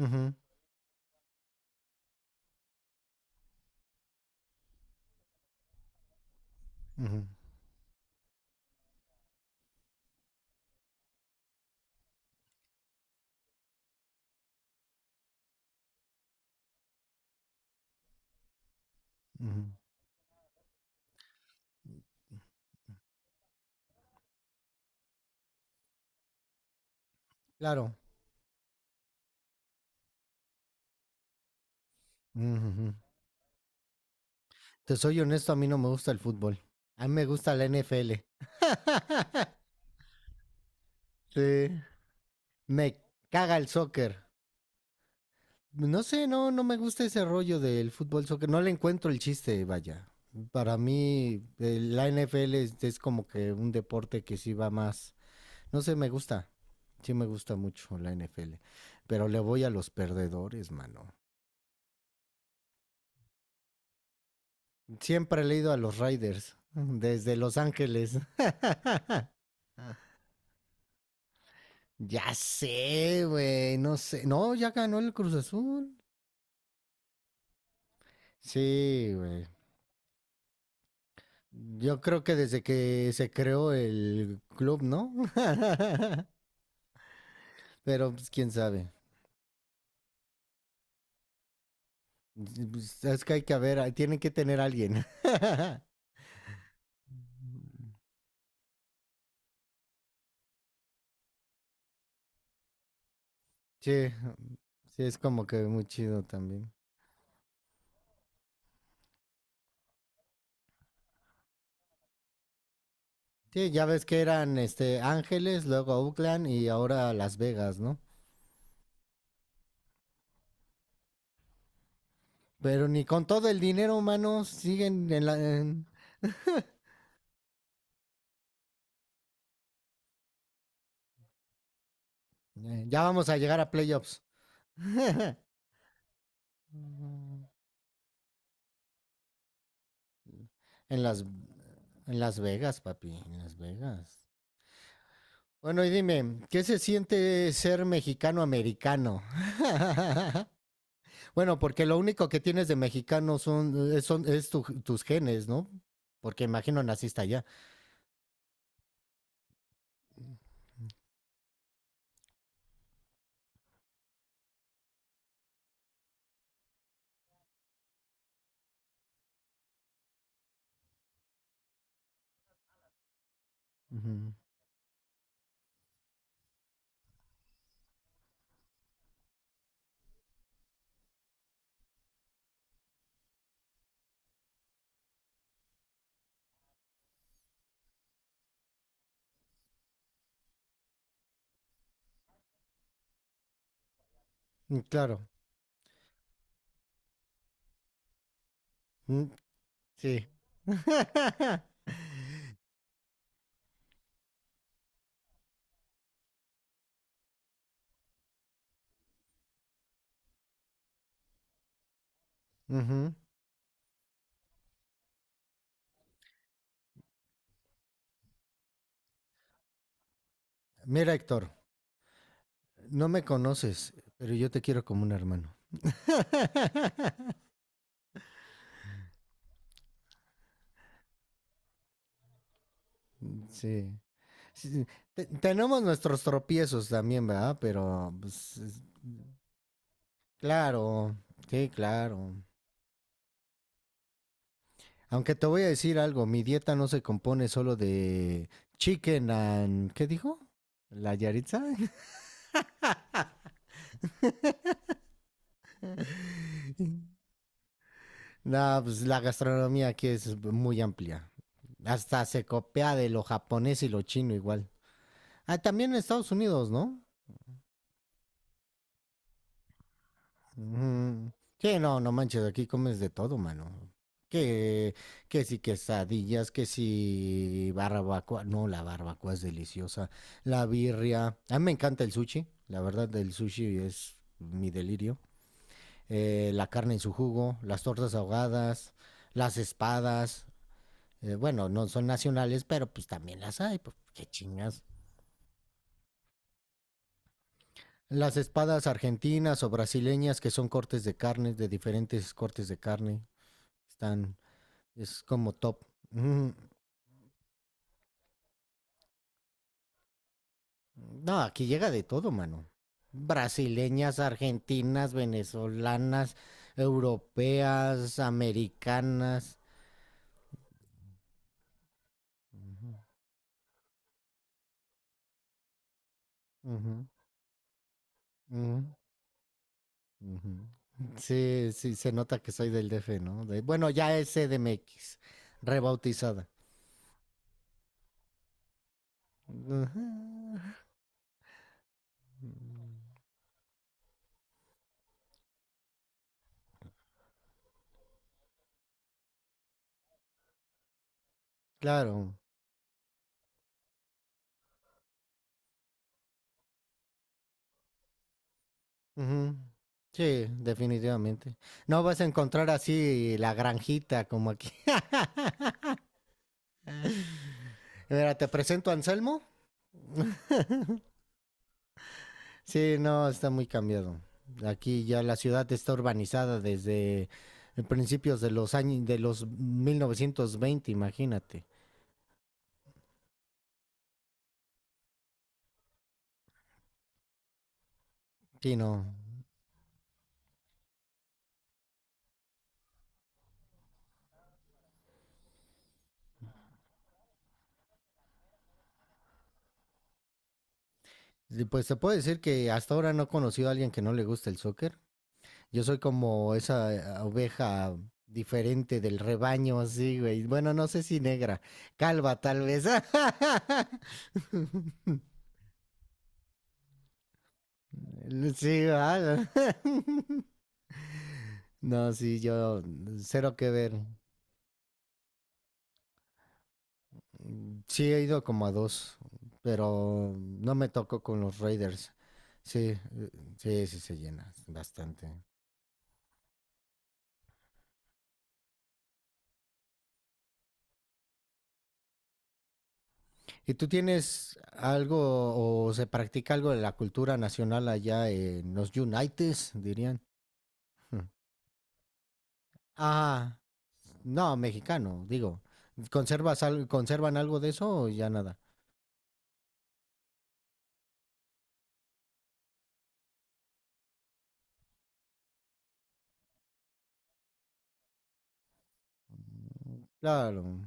Ujú, ujú, ujú. Claro. Ujú. Te soy honesto, a mí no me gusta el fútbol. A mí me gusta la NFL. Sí. Me caga el soccer. No sé, no, no me gusta ese rollo del fútbol soccer. No le encuentro el chiste, vaya. Para mí, la NFL es, como que un deporte que sí va más. No sé, me gusta. Sí me gusta mucho la NFL. Pero le voy a los perdedores, mano. Siempre le he ido a los Raiders, desde Los Ángeles. Ya sé, güey, no sé. No, ya ganó el Cruz Azul. Sí, güey. Yo creo que desde que se creó el club, ¿no? Pero pues quién sabe. Pues, es que hay que haber, tienen que tener a alguien. Sí, sí, es como que muy chido también. Sí, ya ves que eran Ángeles, luego Oakland y ahora Las Vegas, ¿no? Pero ni con todo el dinero humano siguen en la. Ya vamos a llegar a playoffs. en las. En Las Vegas, papi. En Las Vegas. Bueno, y dime, ¿qué se siente ser mexicano-americano? Bueno, porque lo único que tienes de mexicano es tus genes, ¿no? Porque imagino naciste allá. Ujú. Claro. Mm, Sí. Ujú. Mira, Héctor. No me conoces, pero yo te quiero como un hermano. Sí. Sí, tenemos nuestros tropiezos también, ¿verdad? Pero, pues, Claro, sí, claro. Aunque te voy a decir algo, mi dieta no se compone solo de chicken and... ¿Qué dijo? ¿La Yaritza? No, pues la gastronomía aquí es muy amplia. Hasta se copia de lo japonés y lo chino igual. Ah, también en Estados Unidos, ¿no? Ujú. Sí, no, no manches, aquí comes de todo, mano. Que, que si quesadillas, que si barbacoa. No, la barbacoa es deliciosa. La birria. A mí me encanta el sushi. La verdad, el sushi es mi delirio. La carne en su jugo, las tortas ahogadas, las espadas. Bueno, no son nacionales, pero pues también las hay. Pues, qué chingas. Las espadas argentinas o brasileñas, que son cortes de carne, de diferentes cortes de carne. Están Es como top. Mm. No, aquí llega de todo, mano. Brasileñas, argentinas, venezolanas, europeas, americanas. Ujú, ujú, ujú, ujú. Sí, sí, se nota que soy del DF, ¿no? Bueno, ya es CDMX, rebautizada. Ujú. Claro. Ujú. Sí, definitivamente. No vas a encontrar así la granjita como aquí. Mira, te presento a Anselmo. Sí, no, está muy cambiado. Aquí ya la ciudad está urbanizada desde principios de los años de los 1920. Imagínate. Sí, no. Y pues se puede decir que hasta ahora no he conocido a alguien que no le guste el soccer. Yo soy como esa oveja diferente del rebaño, así, güey. Bueno, no sé si negra, calva tal vez. Sí, ¿verdad? No, sí, yo cero que ver. Sí, he ido como a dos, pero no me tocó con los Raiders. Sí, sí, sí se llena bastante. ¿Y tú tienes algo o se practica algo de la cultura nacional allá en los Unites, dirían? Hmm. Ah, no, mexicano, digo. ¿Conservas conservan algo de eso o ya nada? Claro.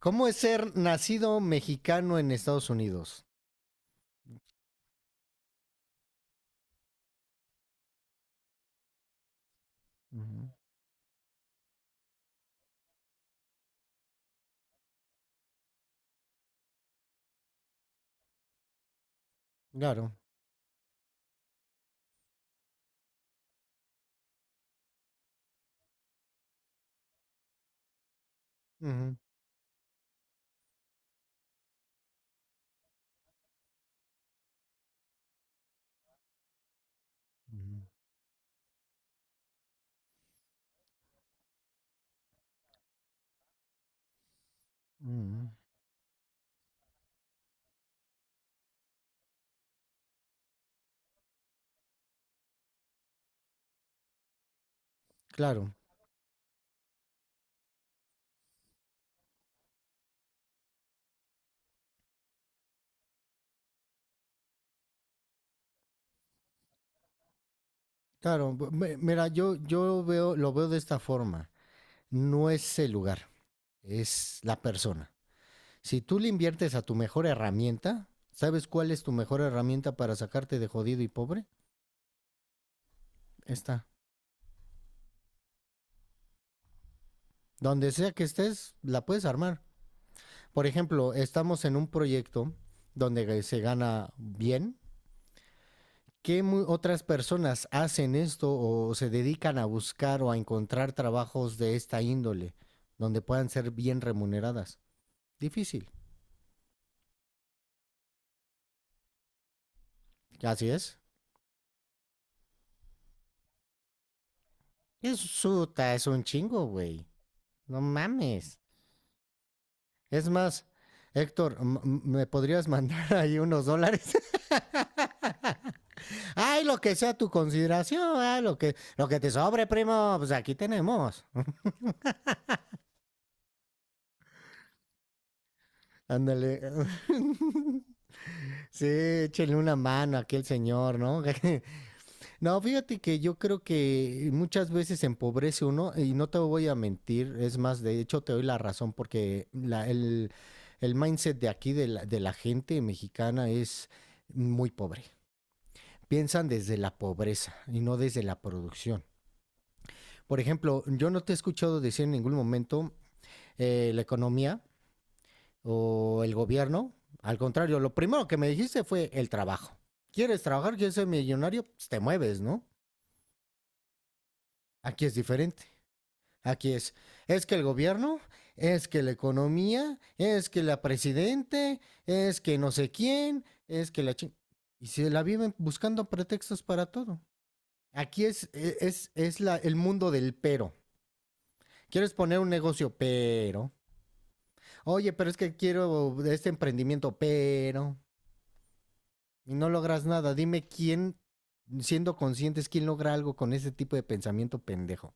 ¿Cómo es ser nacido mexicano en Estados Unidos? Ujú. Claro. Ujú. Ujú. Ujú. Claro. Claro, mira, yo lo veo de esta forma. No es el lugar, es la persona. Si tú le inviertes a tu mejor herramienta, ¿sabes cuál es tu mejor herramienta para sacarte de jodido y pobre? Esta. Donde sea que estés, la puedes armar. Por ejemplo, estamos en un proyecto donde se gana bien. ¿Qué otras personas hacen esto o se dedican a buscar o a encontrar trabajos de esta índole donde puedan ser bien remuneradas? Difícil. Así es. Es suta, es un chingo, güey. No mames. Es más, Héctor, ¿me podrías mandar ahí unos dólares? Ay, lo que sea tu consideración, ay, lo que te sobre, primo, pues aquí tenemos. Ándale. Sí, échenle una mano aquí al señor, ¿no? No, fíjate que yo creo que muchas veces empobrece uno y no te voy a mentir, es más, de hecho te doy la razón porque el mindset de aquí de la gente mexicana es muy pobre. Piensan desde la pobreza y no desde la producción. Por ejemplo, yo no te he escuchado decir en ningún momento la economía o el gobierno. Al contrario, lo primero que me dijiste fue el trabajo. ¿Quieres trabajar? ¿Quieres ser millonario? Pues te mueves, ¿no? Aquí es diferente. Aquí es. Es que el gobierno, es que la economía, es que la presidente, es que no sé quién, es que la ching... Y se la viven buscando pretextos para todo. Aquí es, es el mundo del pero. Quieres poner un negocio, pero. Oye, pero es que quiero este emprendimiento, pero. Y no logras nada. Dime quién, siendo conscientes, quién logra algo con ese tipo de pensamiento pendejo.